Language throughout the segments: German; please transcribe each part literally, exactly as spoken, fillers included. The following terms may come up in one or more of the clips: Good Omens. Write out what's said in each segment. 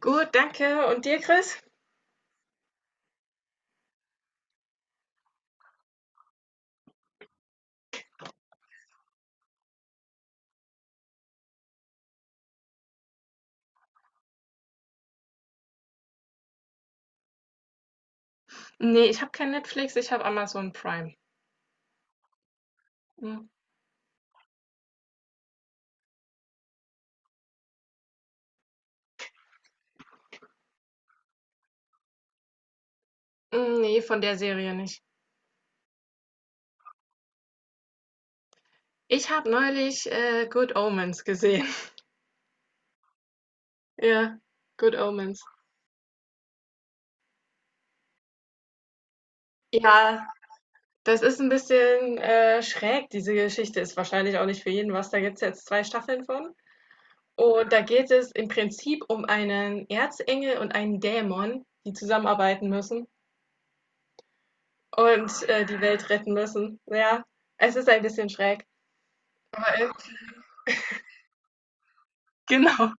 Gut, danke. Und dir, Chris? Nee, ich habe kein Netflix, ich habe Amazon Prime. Hm. Hm, nee, von der Serie nicht. Ich habe neulich äh, Good Omens gesehen. Ja, Good Omens. Ja, das ist ein bisschen äh, schräg, diese Geschichte. Ist wahrscheinlich auch nicht für jeden was. Da gibt es jetzt zwei Staffeln von. Und da geht es im Prinzip um einen Erzengel und einen Dämon, die zusammenarbeiten müssen und äh, die Welt retten müssen. Ja, es ist ein bisschen schräg. Aber irgendwie- genau,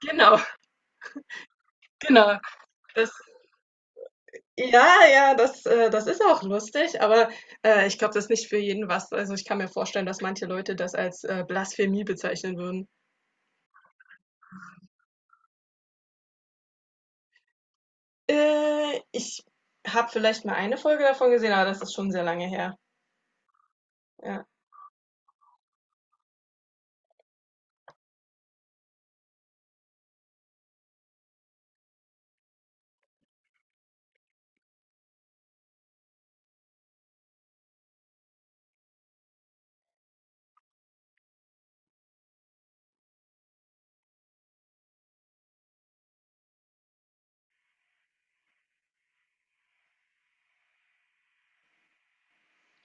genau. Genau, das ja, ja, das, äh, das ist auch lustig, aber äh, ich glaube, das ist nicht für jeden was. Also ich kann mir vorstellen, dass manche Leute das als äh, Blasphemie bezeichnen würden. Äh, ich habe vielleicht mal eine Folge davon gesehen, aber das ist schon sehr lange her. Ja.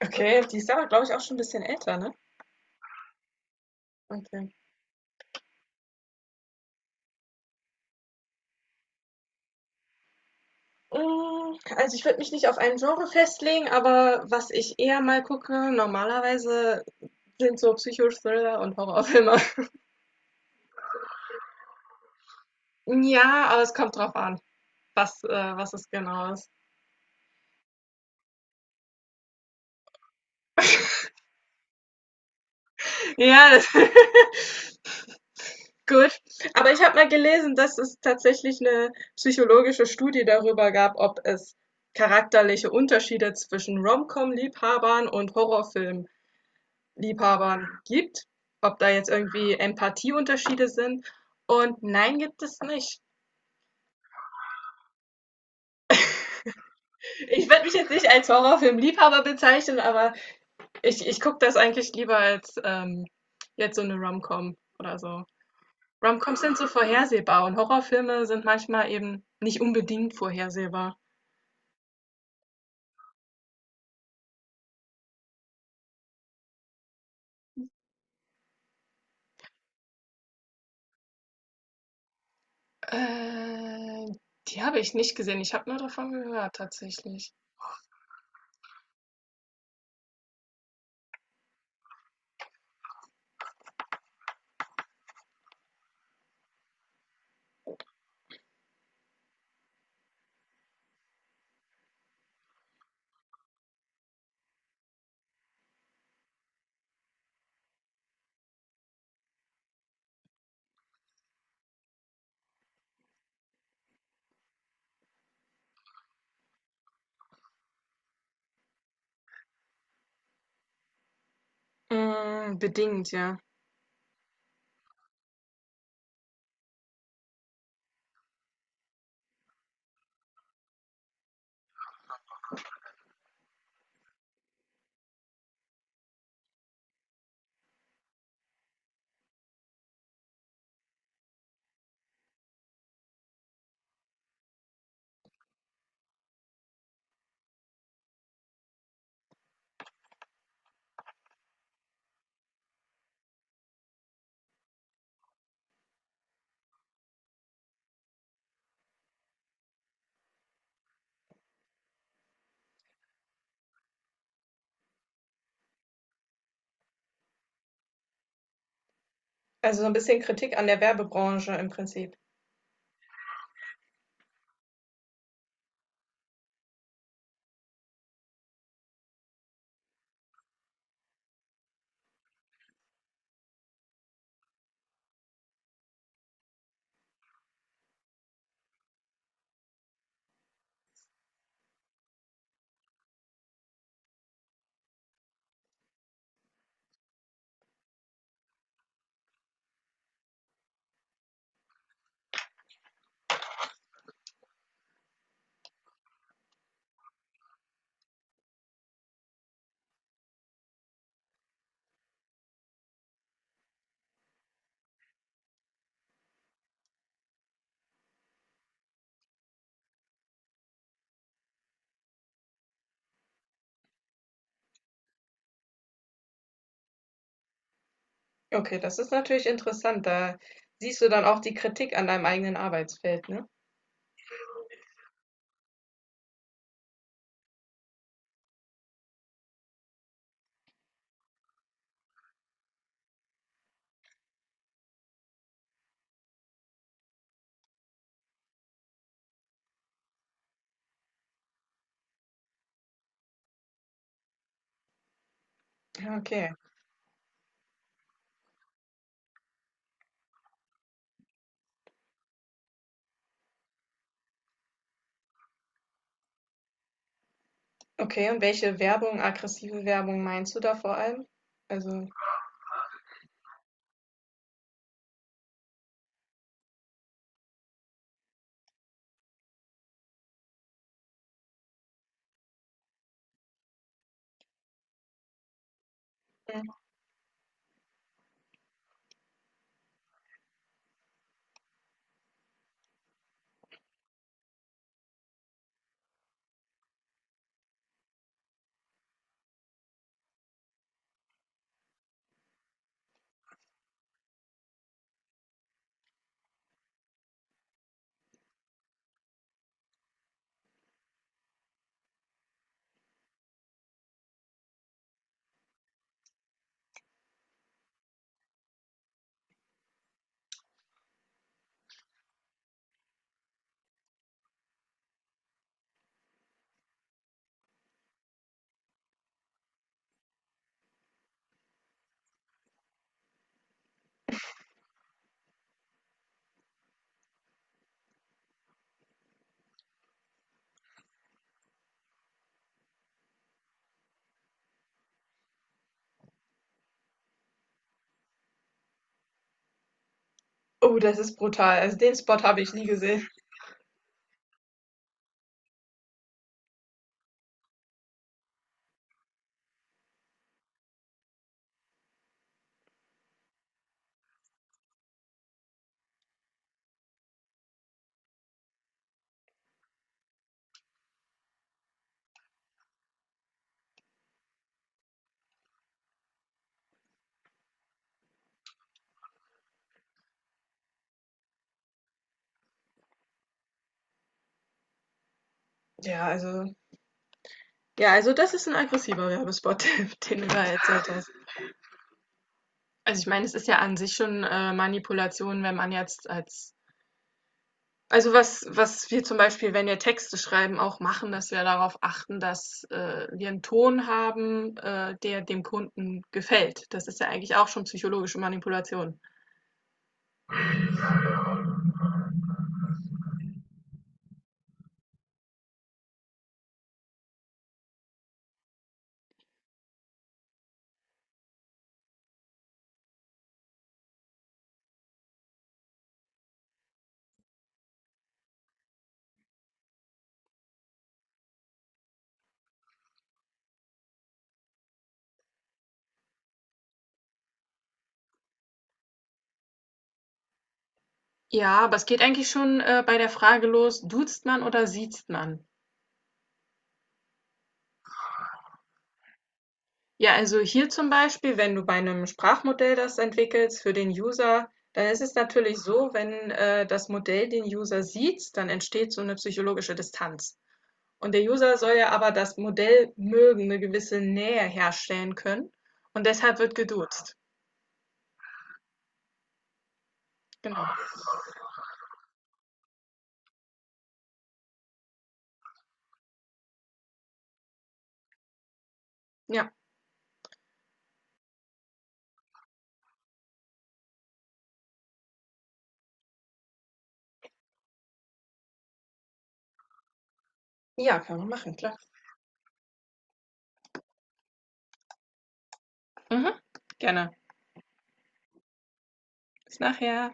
Okay, die ist aber, glaube ich, auch schon ein bisschen älter, ne? Okay. Mm, also ich würde mich nicht auf ein Genre festlegen, aber was ich eher mal gucke, normalerweise sind so Psychothriller und Horrorfilme. Ja, aber es kommt drauf an, was, äh, was es genau ist. Ja, das gut. Aber ich habe mal gelesen, dass es tatsächlich eine psychologische Studie darüber gab, ob es charakterliche Unterschiede zwischen Rom-Com-Liebhabern und Horrorfilm-Liebhabern gibt. Ob da jetzt irgendwie Empathieunterschiede sind. Und nein, gibt es nicht. Ich würde mich jetzt nicht als Horrorfilm-Liebhaber bezeichnen, aber ich, ich gucke das eigentlich lieber als ähm, jetzt so eine Rom-Com oder so. Romcoms sind so vorhersehbar und Horrorfilme sind manchmal eben nicht unbedingt vorhersehbar. Äh, die habe ich nicht gesehen. Ich habe nur davon gehört, tatsächlich. Mm, bedingt, ja. Also so ein bisschen Kritik an der Werbebranche im Prinzip. Okay, das ist natürlich interessant. Da siehst du dann auch die Kritik an deinem eigenen Arbeitsfeld, ne? Ja, okay. Okay, und welche Werbung, aggressive Werbung meinst du da vor allem? Also, oh, das ist brutal. Also den Spot habe ich nie gesehen. Ja, also Ja, also das ist ein aggressiver Werbespot, den du da erzählt hast. Also, ich meine, es ist ja an sich schon, äh, Manipulation, wenn man jetzt als Also, was was wir zum Beispiel, wenn wir Texte schreiben, auch machen, dass wir darauf achten, dass, äh, wir einen Ton haben, äh, der dem Kunden gefällt. Das ist ja eigentlich auch schon psychologische Manipulation. Ja, aber es geht eigentlich schon, äh, bei der Frage los: Duzt man oder siezt man? Ja, also hier zum Beispiel, wenn du bei einem Sprachmodell das entwickelst für den User, dann ist es natürlich so, wenn, äh, das Modell den User sieht, dann entsteht so eine psychologische Distanz. Und der User soll ja aber das Modell mögen, eine gewisse Nähe herstellen können und deshalb wird geduzt. Genau. Ja. Ja, kann man machen, klar. Mhm. Gerne. Bis nachher.